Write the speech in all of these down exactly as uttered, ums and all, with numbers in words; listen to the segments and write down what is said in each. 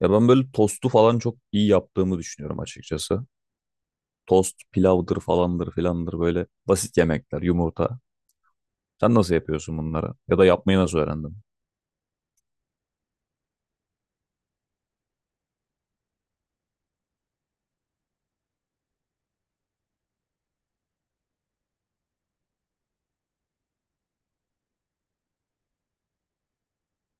Ya ben böyle tostu falan çok iyi yaptığımı düşünüyorum açıkçası. Tost, pilavdır falandır filandır böyle basit yemekler, yumurta. Sen nasıl yapıyorsun bunları? Ya da yapmayı nasıl öğrendin?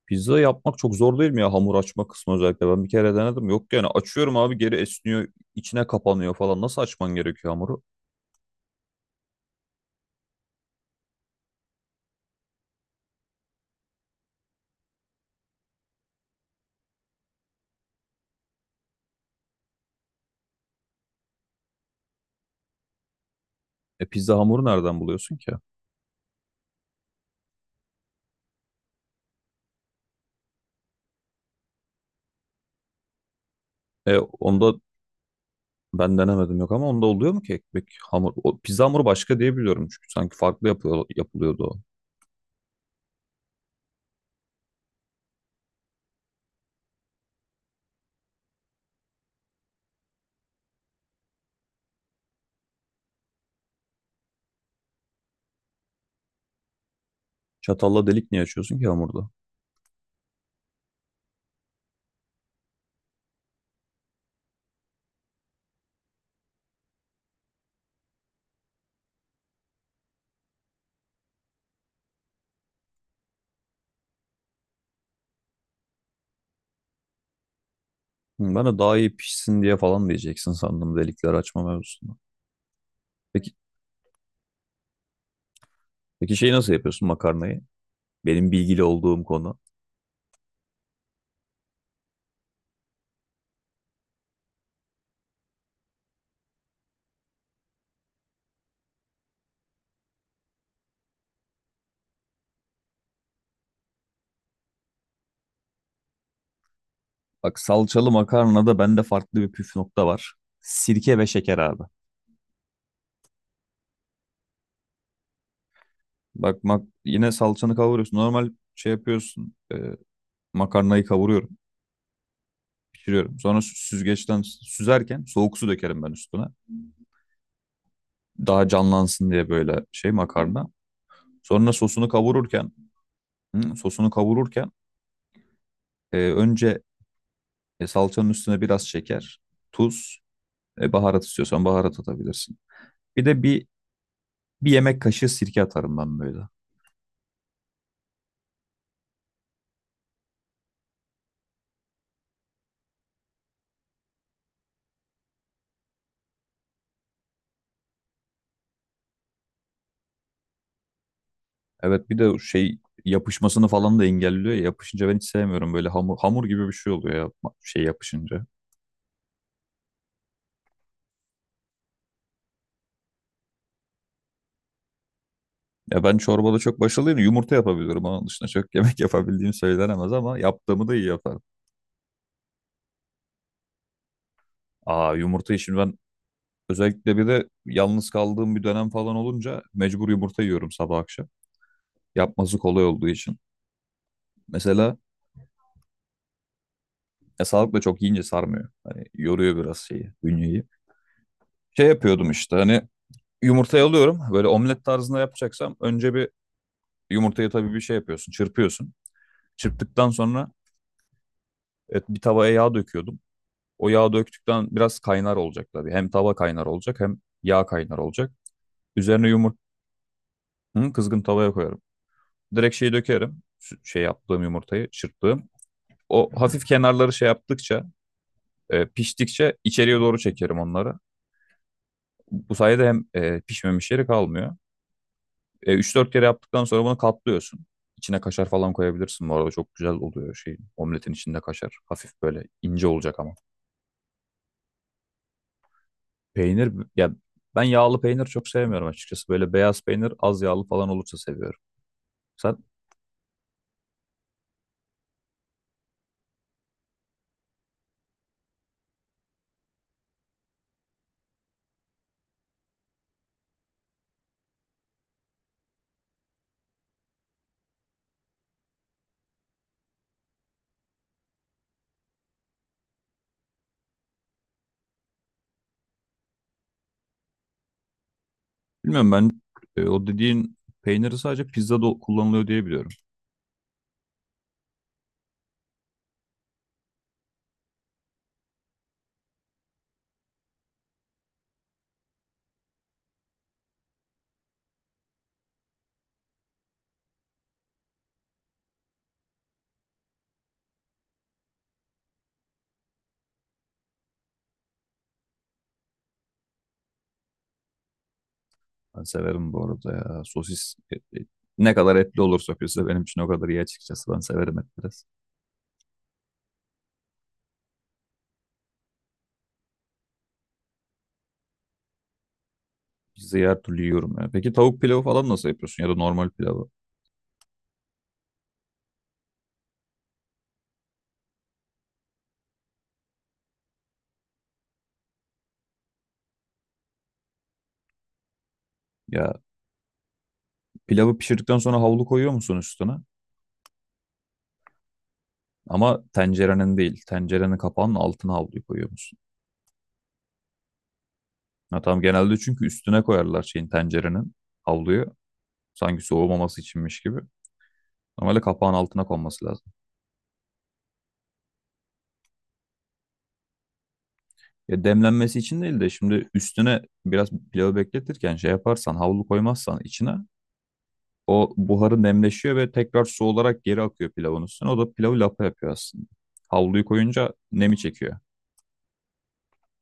Pizza yapmak çok zor değil mi ya hamur açma kısmı özellikle? Ben bir kere denedim. Yok yani açıyorum abi, geri esniyor, içine kapanıyor falan. Nasıl açman gerekiyor hamuru? E, pizza hamuru nereden buluyorsun ki? E onda ben denemedim, yok, ama onda oluyor mu ki ekmek hamur? O, pizza hamuru başka diye biliyorum çünkü sanki farklı yapıyor, yapılıyordu o. Çatalla delik niye açıyorsun ki hamurda? Hı, ben de daha iyi pişsin diye falan diyeceksin sandım delikleri açma mevzusunda. Peki, peki şeyi nasıl yapıyorsun, makarnayı? Benim bilgili olduğum konu. Bak, salçalı makarnada bende farklı bir püf nokta var. Sirke ve şeker abi. Bak mak yine salçanı kavuruyorsun. Normal şey yapıyorsun. E, makarnayı kavuruyorum, pişiriyorum. Sonra sü- süzgeçten süzerken soğuk su dökerim ben üstüne. Daha canlansın diye böyle şey makarna. Sonra sosunu kavururken, hı, sosunu kavururken e, önce e, salçanın üstüne biraz şeker, tuz, e, baharat istiyorsan baharat atabilirsin. Bir de bir bir yemek kaşığı sirke atarım ben böyle. Evet, bir de o şey yapışmasını falan da engelliyor ya. Yapışınca ben hiç sevmiyorum, böyle hamur hamur gibi bir şey oluyor ya, şey yapışınca. Ya ben çorbada çok başarılıyım. Yumurta yapabiliyorum. Onun dışında çok yemek yapabildiğim söylenemez ama yaptığımı da iyi yaparım. Aa, yumurtayı şimdi ben özellikle bir de yalnız kaldığım bir dönem falan olunca mecbur yumurta yiyorum sabah akşam. Yapması kolay olduğu için. Mesela ya sağlıkla çok yiyince sarmıyor. Hani yoruyor biraz şeyi, bünyeyi. Şey yapıyordum işte, hani yumurtayı alıyorum. Böyle omlet tarzında yapacaksam önce bir yumurtayı tabii bir şey yapıyorsun, çırpıyorsun. Çırptıktan sonra, evet, bir tavaya yağ döküyordum. O yağı döktükten biraz kaynar olacak tabii. Hem tava kaynar olacak hem yağ kaynar olacak. Üzerine yumurta kızgın tavaya koyarım. Direkt şeyi dökerim. Sü- Şey yaptığım, yumurtayı çırptığım. O hafif kenarları şey yaptıkça, e, piştikçe içeriye doğru çekerim onları. Bu sayede hem e, pişmemiş yeri kalmıyor. E, üç dört kere yaptıktan sonra bunu katlıyorsun. İçine kaşar falan koyabilirsin, bu arada çok güzel oluyor şey omletin içinde kaşar. Hafif böyle ince olacak ama. Peynir ya, ben yağlı peynir çok sevmiyorum açıkçası. Böyle beyaz peynir az yağlı falan olursa seviyorum. Sen bilmiyorum ben, e, o dediğin peyniri sadece pizzada o- kullanılıyor diye biliyorum. Ben severim bu arada ya. Sosis e, e, ne kadar etli olursa pizza benim için o kadar iyi açıkçası. Ben severim et biraz. Pizzayı her türlü yiyorum ya. Peki tavuk pilavı falan nasıl yapıyorsun, ya da normal pilavı? Ya, pilavı pişirdikten sonra havlu koyuyor musun üstüne? Ama tencerenin değil. Tencerenin kapağının altına havluyu koyuyor musun? Ha, tamam, genelde çünkü üstüne koyarlar şeyin, tencerenin havluyu. Sanki soğumaması içinmiş gibi. Normalde kapağın altına konması lazım. Ya, demlenmesi için değil de, şimdi üstüne biraz pilavı bekletirken şey yaparsan, havlu koymazsan içine, o buharı nemleşiyor ve tekrar su olarak geri akıyor pilavın üstüne. O da pilavı lapa yapıyor aslında. Havluyu koyunca nemi çekiyor.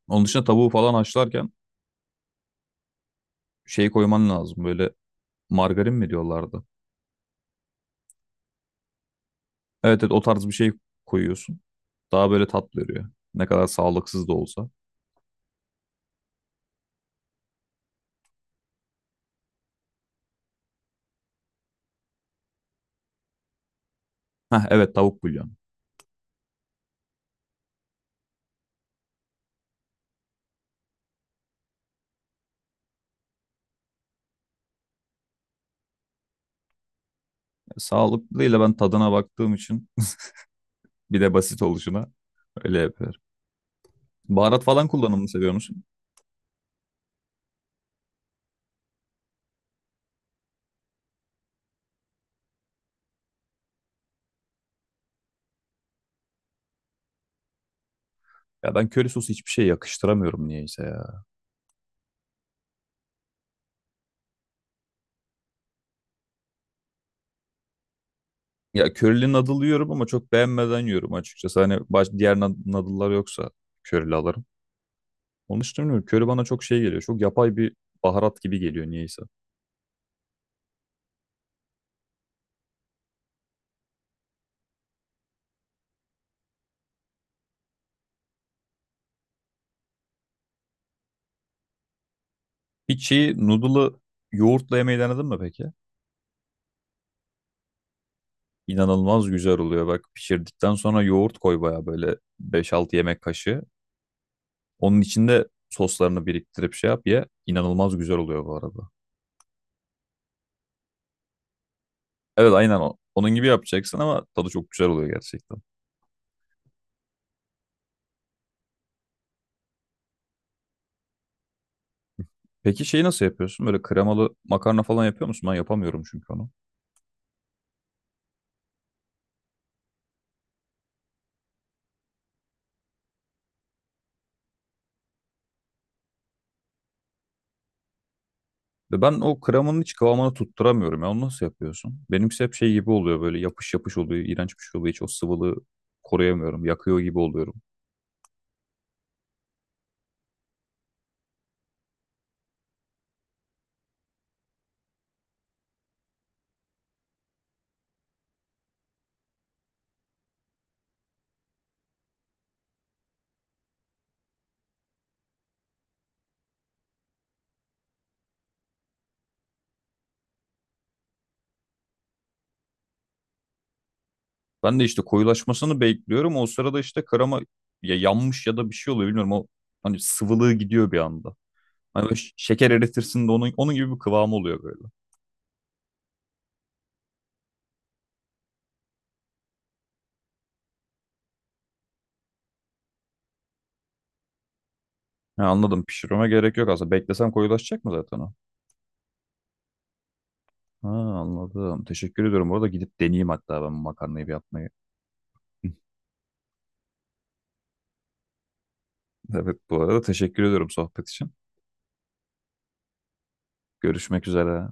Onun dışında tavuğu falan haşlarken şey koyman lazım, böyle margarin mi diyorlardı. Evet, evet, o tarz bir şey koyuyorsun. Daha böyle tat veriyor. Ne kadar sağlıksız da olsa. Heh, evet, tavuk bulyonu. Sağlıklıyla ben tadına baktığım için bir de basit oluşuna öyle yapıyorum. Baharat falan kullanımını seviyor musun? Ya ben köri sosu hiçbir şey yakıştıramıyorum niyeyse ya. Ya, körili noodle yiyorum ama çok beğenmeden yiyorum açıkçası. Hani baş, diğer nad- noodle'lar yoksa körili alırım. Onun için bilmiyorum. Köri bana çok şey geliyor. Çok yapay bir baharat gibi geliyor niyeyse. Hiç şeyi noodle'ı yoğurtla yemeyi denedin mi peki? İnanılmaz güzel oluyor. Bak, pişirdikten sonra yoğurt koy baya, böyle beş altı yemek kaşığı. Onun içinde soslarını biriktirip şey yap ye. İnanılmaz güzel oluyor bu arada. Evet, aynen o. Onun gibi yapacaksın ama tadı çok güzel oluyor gerçekten. Peki şeyi nasıl yapıyorsun? Böyle kremalı makarna falan yapıyor musun? Ben yapamıyorum çünkü onu. Ve ben o kremanın hiç kıvamını tutturamıyorum ya. Onu nasıl yapıyorsun? Benimkisi hep şey gibi oluyor, böyle yapış yapış oluyor. İğrenç bir şey oluyor. Hiç o sıvılığı koruyamıyorum. Yakıyor gibi oluyorum. Ben de işte koyulaşmasını bekliyorum. O sırada işte krema ya yanmış ya da bir şey oluyor, bilmiyorum. O, hani sıvılığı gidiyor bir anda. Hani böyle ş- şeker eritirsin de, onun, onun gibi bir kıvamı oluyor böyle. Ha, anladım. Pişirmeme gerek yok aslında. Beklesem koyulaşacak mı zaten o? Ha, anladım. Teşekkür ediyorum. Bu arada gidip deneyeyim hatta ben bu makarnayı bir yapmayı. Evet, bu arada teşekkür ediyorum sohbet için. Görüşmek üzere.